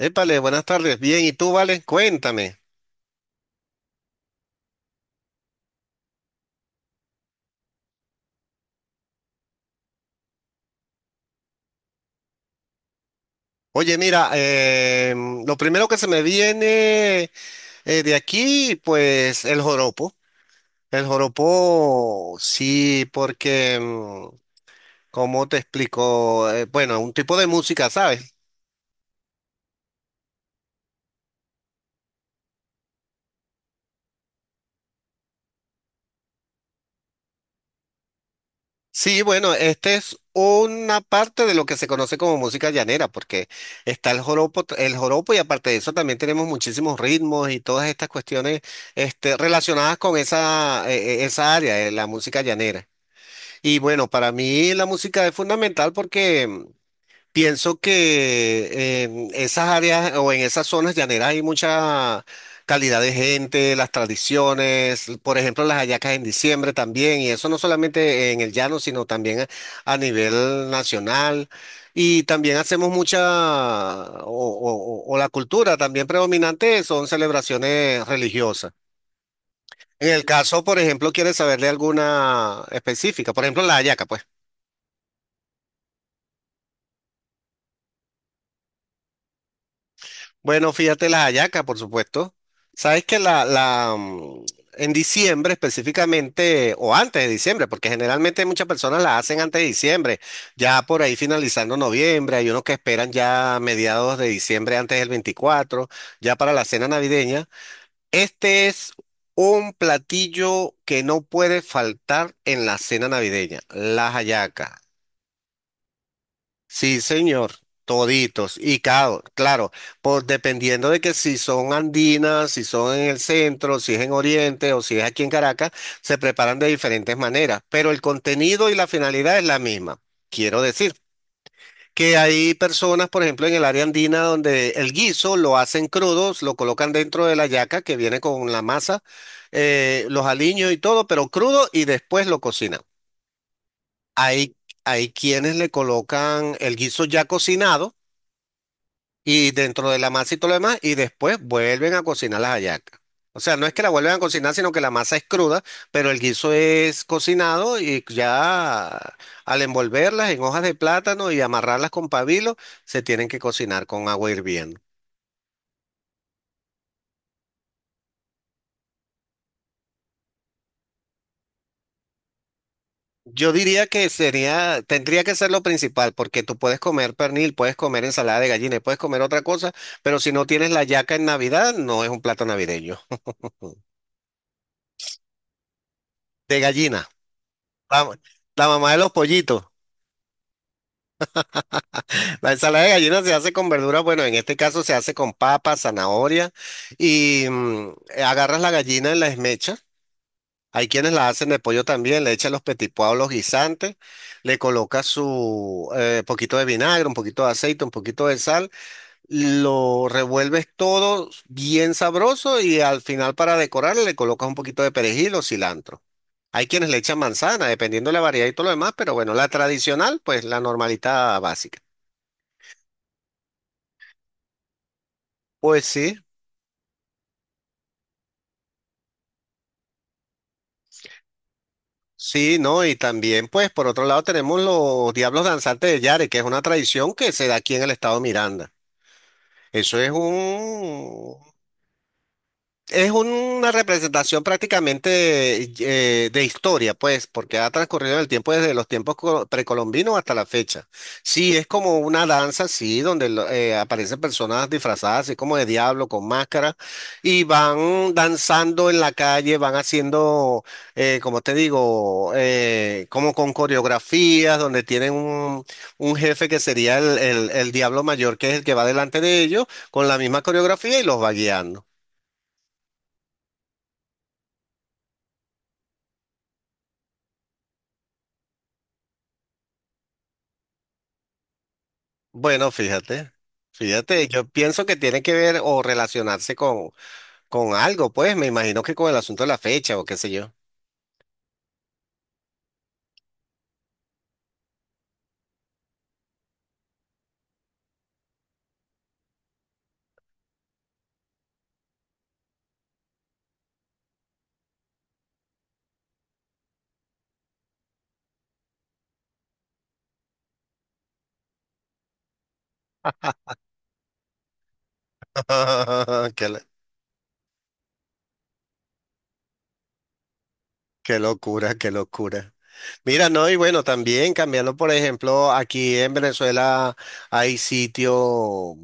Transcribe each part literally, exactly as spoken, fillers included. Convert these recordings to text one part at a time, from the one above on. Épale, buenas tardes. Bien, ¿y tú, Vale? Cuéntame. Oye, mira, eh, lo primero que se me viene eh, de aquí, pues el joropo. El joropo, sí, porque, mm, ¿cómo te explico? Eh, bueno, un tipo de música, ¿sabes? Sí, bueno, este es una parte de lo que se conoce como música llanera, porque está el joropo, t- el joropo y aparte de eso también tenemos muchísimos ritmos y todas estas cuestiones este, relacionadas con esa, eh, eh, esa área de la música llanera. Y bueno, para mí la música es fundamental porque pienso que en esas áreas o en esas zonas llaneras hay mucha calidad de gente, las tradiciones, por ejemplo, las hallacas en diciembre también, y eso no solamente en el llano, sino también a, a nivel nacional. Y también hacemos mucha, o, o- o- o la cultura también predominante son celebraciones religiosas. En el caso, por ejemplo, quieres saber de alguna específica, por ejemplo, la hallaca, pues. Bueno, fíjate las hallacas, por supuesto. Sabes que la, la, mm, en diciembre específicamente, o antes de diciembre, porque generalmente muchas personas la hacen antes de diciembre, ya por ahí finalizando noviembre, hay unos que esperan ya mediados de diciembre, antes del veinticuatro, ya para la cena navideña. Este es un platillo que no puede faltar en la cena navideña, las hallacas. Sí, señor, toditos. Y claro, claro, Por dependiendo de que si son andinas, si son en el centro, si es en Oriente o si es aquí en Caracas, se preparan de diferentes maneras, pero el contenido y la finalidad es la misma. Quiero decir que hay personas, por ejemplo, en el área andina donde el guiso lo hacen crudos, lo colocan dentro de la yaca que viene con la masa, eh, los aliños y todo, pero crudo y después lo cocinan. Hay, hay quienes le colocan el guiso ya cocinado y dentro de la masa y todo lo demás, y después vuelven a cocinar las hallacas. O sea, no es que la vuelven a cocinar, sino que la masa es cruda, pero el guiso es cocinado y ya al envolverlas en hojas de plátano y amarrarlas con pabilo, se tienen que cocinar con agua hirviendo. Yo diría que sería, tendría que ser lo principal, porque tú puedes comer pernil, puedes comer ensalada de gallina, y puedes comer otra cosa, pero si no tienes la hallaca en Navidad, no es un plato navideño. De gallina, la, la mamá de los pollitos. La ensalada de gallina se hace con verduras, bueno, en este caso se hace con papa, zanahoria y mm, eh, agarras la gallina en la esmecha. Hay quienes la hacen de pollo también, le echan los petit pois, los guisantes, le colocas su eh, poquito de vinagre, un poquito de aceite, un poquito de sal, lo revuelves todo bien sabroso y al final para decorar le colocas un poquito de perejil o cilantro. Hay quienes le echan manzana, dependiendo de la variedad y todo lo demás, pero bueno, la tradicional, pues la normalita básica. Pues sí. Sí, ¿no? Y también, pues, por otro lado tenemos los Diablos Danzantes de Yare, que es una tradición que se da aquí en el estado Miranda. Eso es un, es una representación prácticamente eh, de historia, pues, porque ha transcurrido el tiempo desde los tiempos co- precolombinos hasta la fecha. Sí, es como una danza, sí, donde lo- eh, aparecen personas disfrazadas, así como de diablo, con máscara, y van danzando en la calle, van haciendo, eh, como te digo, eh, como con coreografías, donde tienen un, un jefe que sería el, el el diablo mayor, que es el que va delante de ellos, con la misma coreografía y los va guiando. Bueno, fíjate, fíjate, yo pienso que tiene que ver o relacionarse con, con, algo, pues me imagino que con el asunto de la fecha o qué sé yo. Qué, lo- Qué locura, qué locura. Mira, no, y bueno, también cambiando, por ejemplo, aquí en Venezuela hay sitio,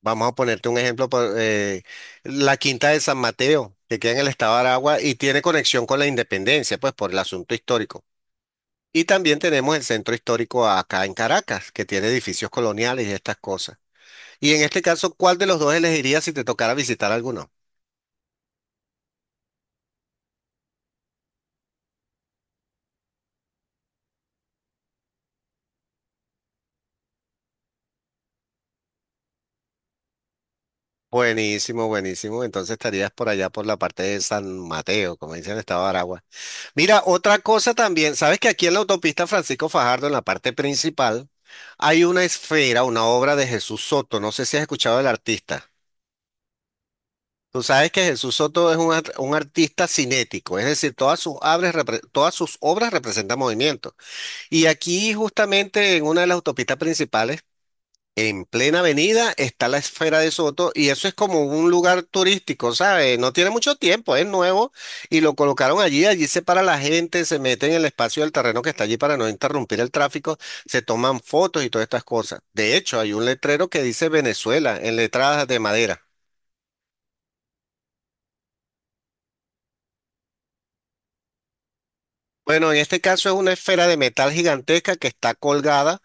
vamos a ponerte un ejemplo, por, eh, la Quinta de San Mateo, que queda en el estado de Aragua y tiene conexión con la independencia, pues por el asunto histórico. Y también tenemos el centro histórico acá en Caracas, que tiene edificios coloniales y estas cosas. Y en este caso, ¿cuál de los dos elegirías si te tocara visitar alguno? Buenísimo, buenísimo. Entonces estarías por allá por la parte de San Mateo, como dicen el estado de Aragua. Mira, otra cosa también, sabes que aquí en la autopista Francisco Fajardo, en la parte principal, hay una esfera, una obra de Jesús Soto. No sé si has escuchado del artista. Tú sabes que Jesús Soto es un, art- un artista cinético, es decir, todas sus, obras repre- todas sus obras representan movimiento. Y aquí justamente en una de las autopistas principales en plena avenida está la Esfera de Soto y eso es como un lugar turístico, ¿sabes? No tiene mucho tiempo, es nuevo y lo colocaron allí, allí se para la gente, se mete en el espacio del terreno que está allí para no interrumpir el tráfico, se toman fotos y todas estas cosas. De hecho, hay un letrero que dice Venezuela en letras de madera. Bueno, en este caso es una esfera de metal gigantesca que está colgada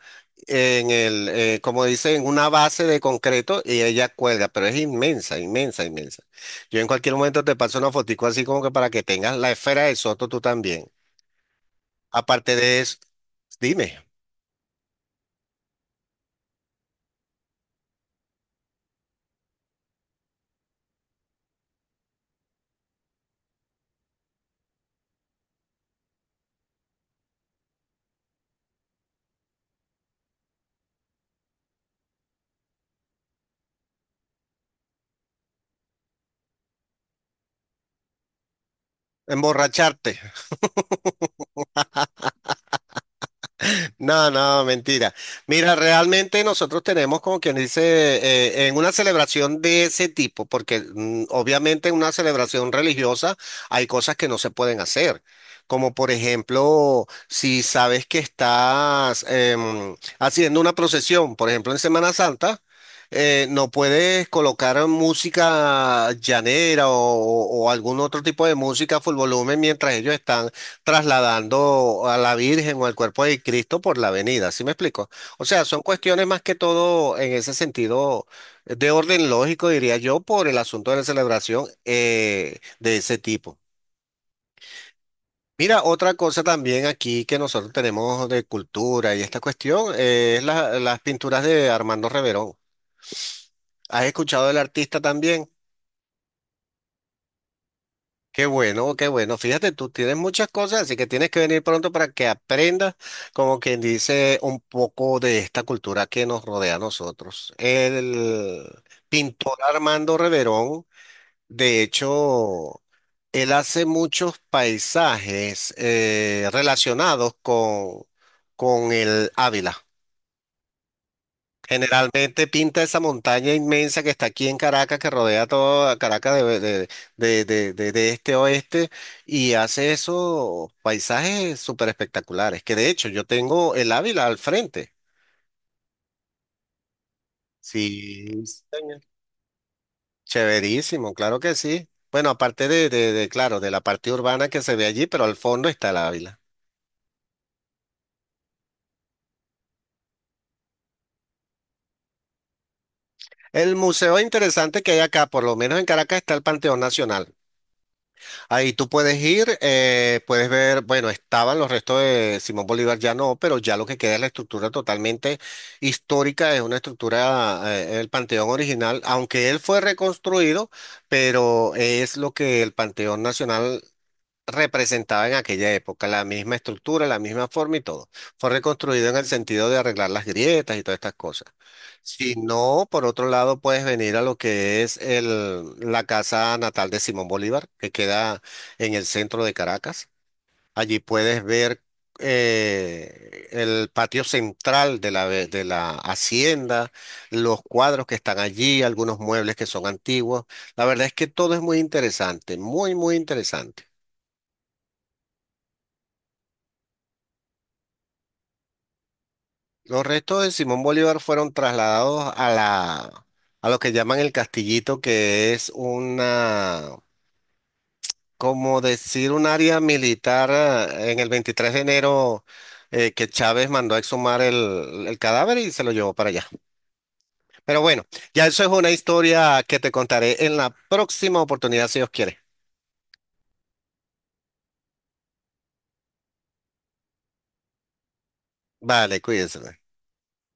en el, eh, como dice, en una base de concreto y ella cuelga, pero es inmensa, inmensa, inmensa. Yo en cualquier momento te paso una fotico así como que para que tengas la esfera de Soto tú también. Aparte de eso, dime, emborracharte. No, no, mentira. Mira, realmente nosotros tenemos como quien dice, eh, en una celebración de ese tipo, porque mm, obviamente en una celebración religiosa hay cosas que no se pueden hacer. Como por ejemplo, si sabes que estás em, haciendo una procesión, por ejemplo en Semana Santa, eh, no puedes colocar música llanera o, o algún otro tipo de música a full volumen mientras ellos están trasladando a la Virgen o al cuerpo de Cristo por la avenida, ¿sí me explico? O sea, son cuestiones más que todo en ese sentido de orden lógico, diría yo, por el asunto de la celebración eh, de ese tipo. Mira, otra cosa también aquí que nosotros tenemos de cultura y esta cuestión eh, es la- las pinturas de Armando Reverón. ¿Has escuchado del artista también? Qué bueno, qué bueno. Fíjate, tú tienes muchas cosas, así que tienes que venir pronto para que aprendas, como quien dice, un poco de esta cultura que nos rodea a nosotros. El pintor Armando Reverón, de hecho, él hace muchos paisajes eh, relacionados con, con el Ávila. Generalmente pinta esa montaña inmensa que está aquí en Caracas, que rodea toda Caracas de, de- de- de- de- de este a oeste, y hace esos paisajes súper espectaculares, que de hecho yo tengo el Ávila al frente. Sí, sí, señor. Chéverísimo, claro que sí. Bueno, aparte de, de, de, claro, de la parte urbana que se ve allí, pero al fondo está el Ávila. El museo interesante que hay acá, por lo menos en Caracas, está el Panteón Nacional. Ahí tú puedes ir, eh, puedes ver, bueno, estaban los restos de Simón Bolívar, ya no, pero ya lo que queda es la estructura totalmente histórica, es una estructura, eh, el Panteón original, aunque él fue reconstruido, pero es lo que el Panteón Nacional representaba en aquella época, la misma estructura, la misma forma y todo. Fue reconstruido en el sentido de arreglar las grietas y todas estas cosas. Si no, por otro lado, puedes venir a lo que es el, la casa natal de Simón Bolívar, que queda en el centro de Caracas. Allí puedes ver eh, el patio central de la, ve- de la hacienda, los cuadros que están allí, algunos muebles que son antiguos. La verdad es que todo es muy interesante, muy, muy interesante. Los restos de Simón Bolívar fueron trasladados a la, a lo que llaman el Castillito, que es una, como decir, un área militar eh, en el veintitrés de enero eh, que Chávez mandó a exhumar el, el cadáver y se lo llevó para allá. Pero bueno, ya eso es una historia que te contaré en la próxima oportunidad, si Dios quiere. Vale, cuídense, pues.